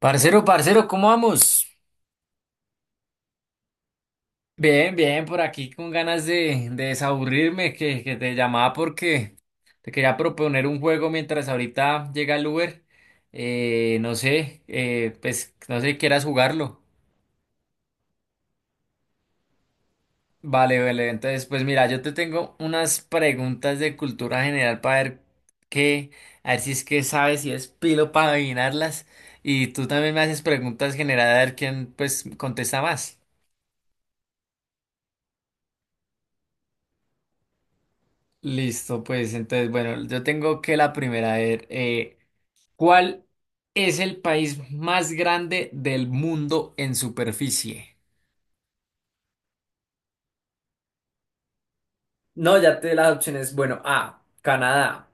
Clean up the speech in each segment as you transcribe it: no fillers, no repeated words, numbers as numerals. Parcero, parcero, ¿cómo vamos? Bien, bien, por aquí con ganas de desaburrirme, que te llamaba porque te quería proponer un juego mientras ahorita llega el Uber. No sé, pues no sé si quieras jugarlo. Vale, vale, entonces pues mira, yo te tengo unas preguntas de cultura general para ver qué, a ver si es que sabes, si es pilo para adivinarlas. Y tú también me haces preguntas generales a ver quién pues contesta más. Listo, pues entonces, bueno, yo tengo que la primera, a ver, ¿cuál es el país más grande del mundo en superficie? No, ya te di las opciones. Bueno, A, Canadá.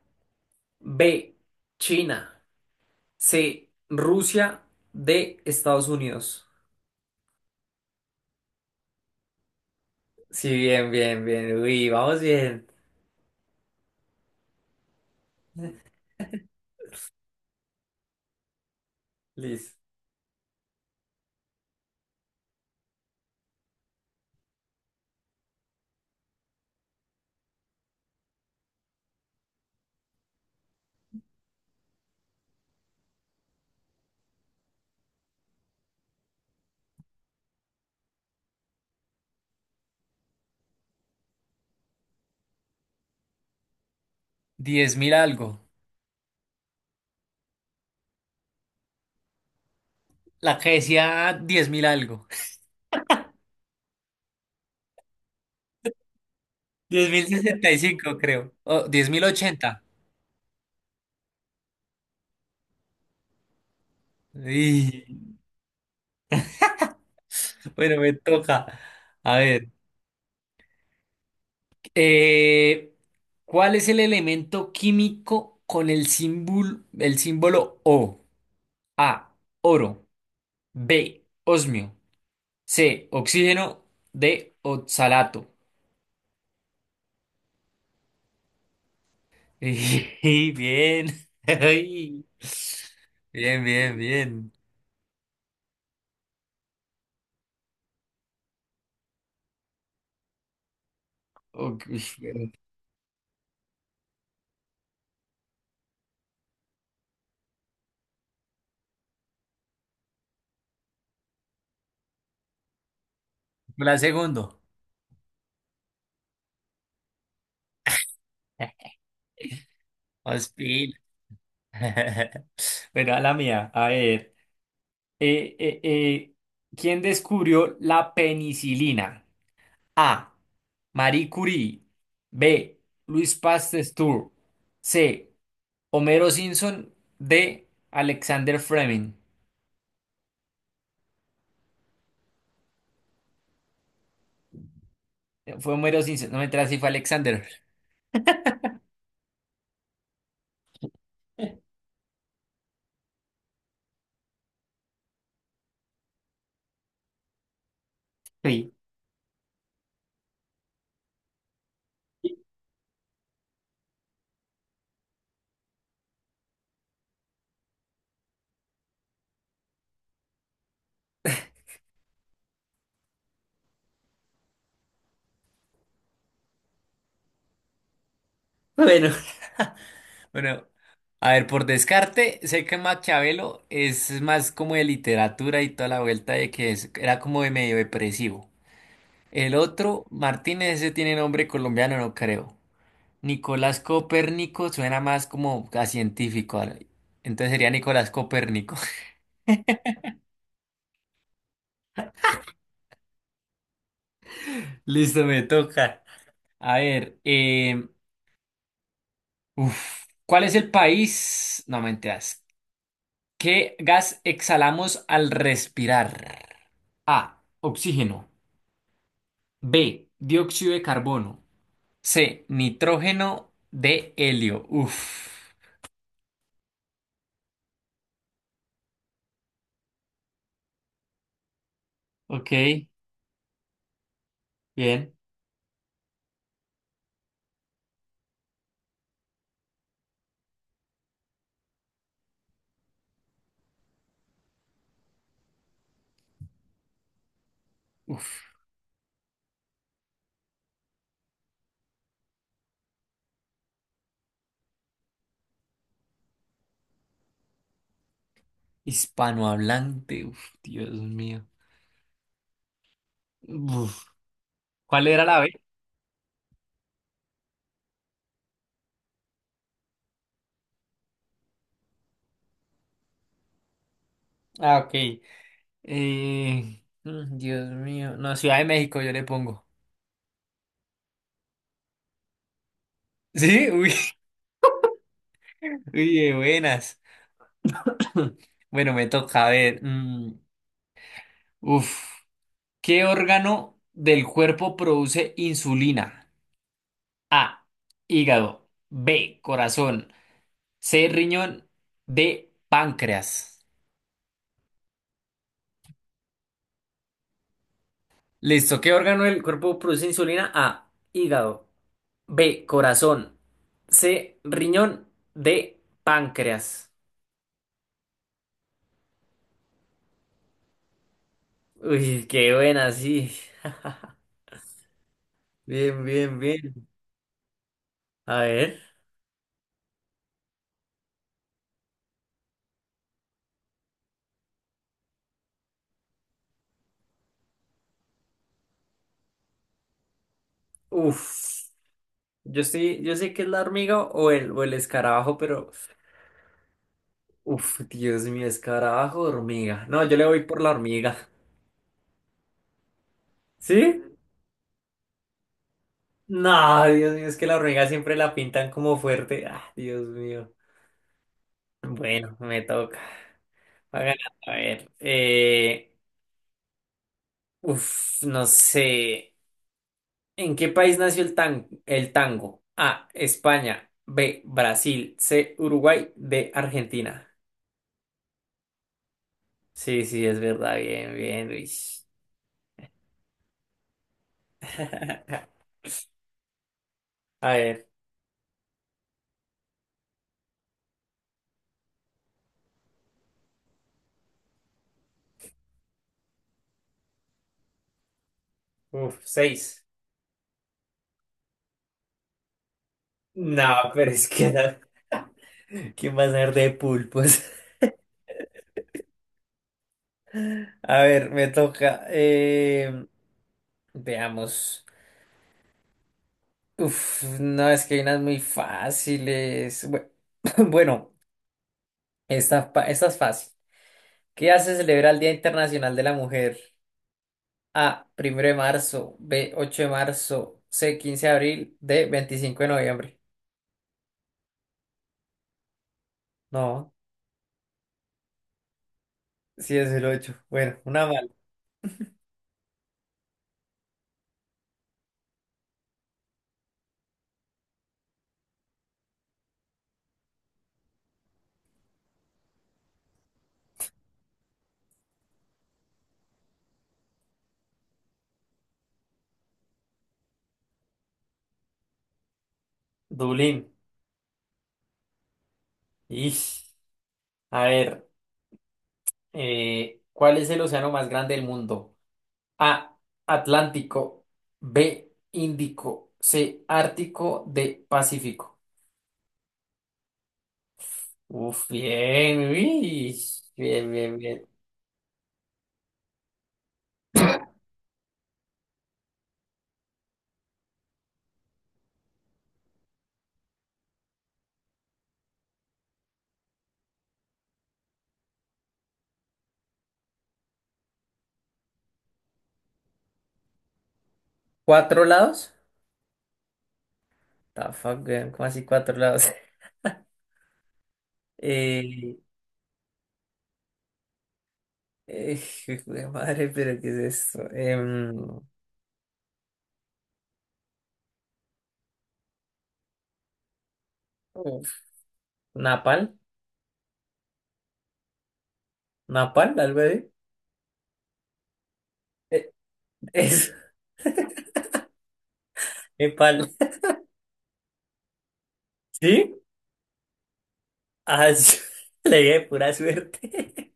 B, China. C, Rusia. D, Estados Unidos. Sí, bien, bien, bien. Uy, vamos bien. Listo. Diez mil algo. La que decía diez mil algo. 10.065, creo. O 10.080. Bueno, me toca. A ver, eh, ¿cuál es el elemento químico con el símbolo O? A, oro, B, osmio, C, oxígeno, D, oxalato. Y bien. Ay, bien, bien, bien. Ok, bueno, la segundo. Más pila. Bueno, a la mía, a ver. Eh, eh, eh, ¿Quién descubrió la penicilina? A. Marie Curie. B. Louis Pasteur. C. Homero Simpson. D. Alexander Fleming. Fue Homero Simpson. No me enteras si fue Alexander. Sí. Bueno, bueno, a ver, por descarte, sé que Maquiavelo es más como de literatura y toda la vuelta de que era como de medio depresivo. El otro, Martínez, ese tiene nombre colombiano, no creo. Nicolás Copérnico suena más como a científico. Entonces sería Nicolás Copérnico. Listo, me toca. A ver, uf, ¿cuál es el país? No mentiras. ¿Qué gas exhalamos al respirar? A. Oxígeno. B. Dióxido de carbono. C. Nitrógeno. D. Helio. Uf. Ok, bien. Uf. Hispanohablante. Uf, Dios mío. Uf. ¿Cuál era la B? Ah, ok. Mm, Dios mío. No, Ciudad de México yo le pongo. ¿Sí? Uy, uy, de buenas. Bueno, me toca a ver. Uf. ¿Qué órgano del cuerpo produce insulina? A. Hígado. B. Corazón. C. Riñón. D. Páncreas. Listo. ¿Qué órgano del cuerpo produce insulina? A. Hígado. B. Corazón. C. Riñón. D. Páncreas. Uy, qué buena, sí. Bien, bien, bien. A ver. Uf. Yo estoy, yo sé que es la hormiga o el escarabajo, pero. Uf, Dios mío, escarabajo, hormiga. No, yo le voy por la hormiga. ¿Sí? No, Dios mío, es que la hormiga siempre la pintan como fuerte. Ah, Dios mío. Bueno, me toca. Va ganando. A ver. Uf, no sé. ¿En qué país nació el el tango? A. España. B. Brasil. C. Uruguay. D. Argentina. Sí, sí, es verdad. Bien, bien, Luis. A ver. Uf, seis. No, pero es que era- ¿Quién va a ser de pulpos? A ver, me toca. Veamos. Uf, no, es que hay unas muy fáciles. Bueno, esta, esta es fácil. ¿Qué hace celebrar el Día Internacional de la Mujer? A, 1 de marzo, B, 8 de marzo, C, 15 de abril, D, 25 de noviembre. No, sí es el 8. Bueno, una mal. Dublín. Ish. A ver, ¿cuál es el océano más grande del mundo? A, Atlántico, B, Índico, C, Ártico, D, Pacífico. Uf, bien, uish, bien, bien, bien. ¿Cuatro lados? The fuck, weón, ¿cómo así cuatro lados? Eh, Eh, jue madre, pero ¿qué es esto? Uf, Napal, Napal, algo así. Eh, es Nepal, ¿sí? Ah, sí, le dije pura suerte.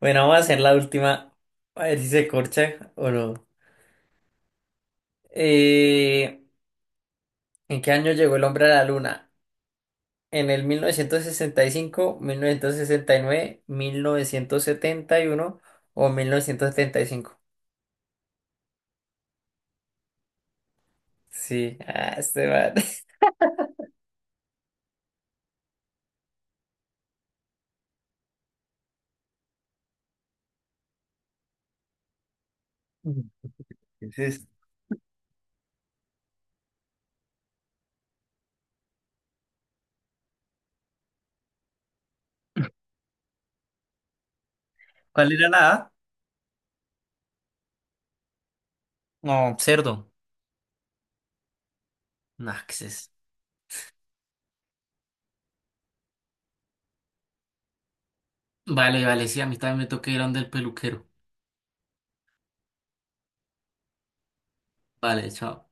Bueno, vamos a hacer la última. A ver si se corcha o no. Eh, ¿En qué año llegó el hombre a la luna? En el mil mil mil novecientos novecientos novecientos sesenta sesenta y cinco nueve 1971 o 1975. Sí, ah, este man. ¿Qué es esto? ¿Cuál era la A? No, cerdo. Naxes. Vale, vale, sí, a mí también me toca ir a donde el peluquero. Vale, chao.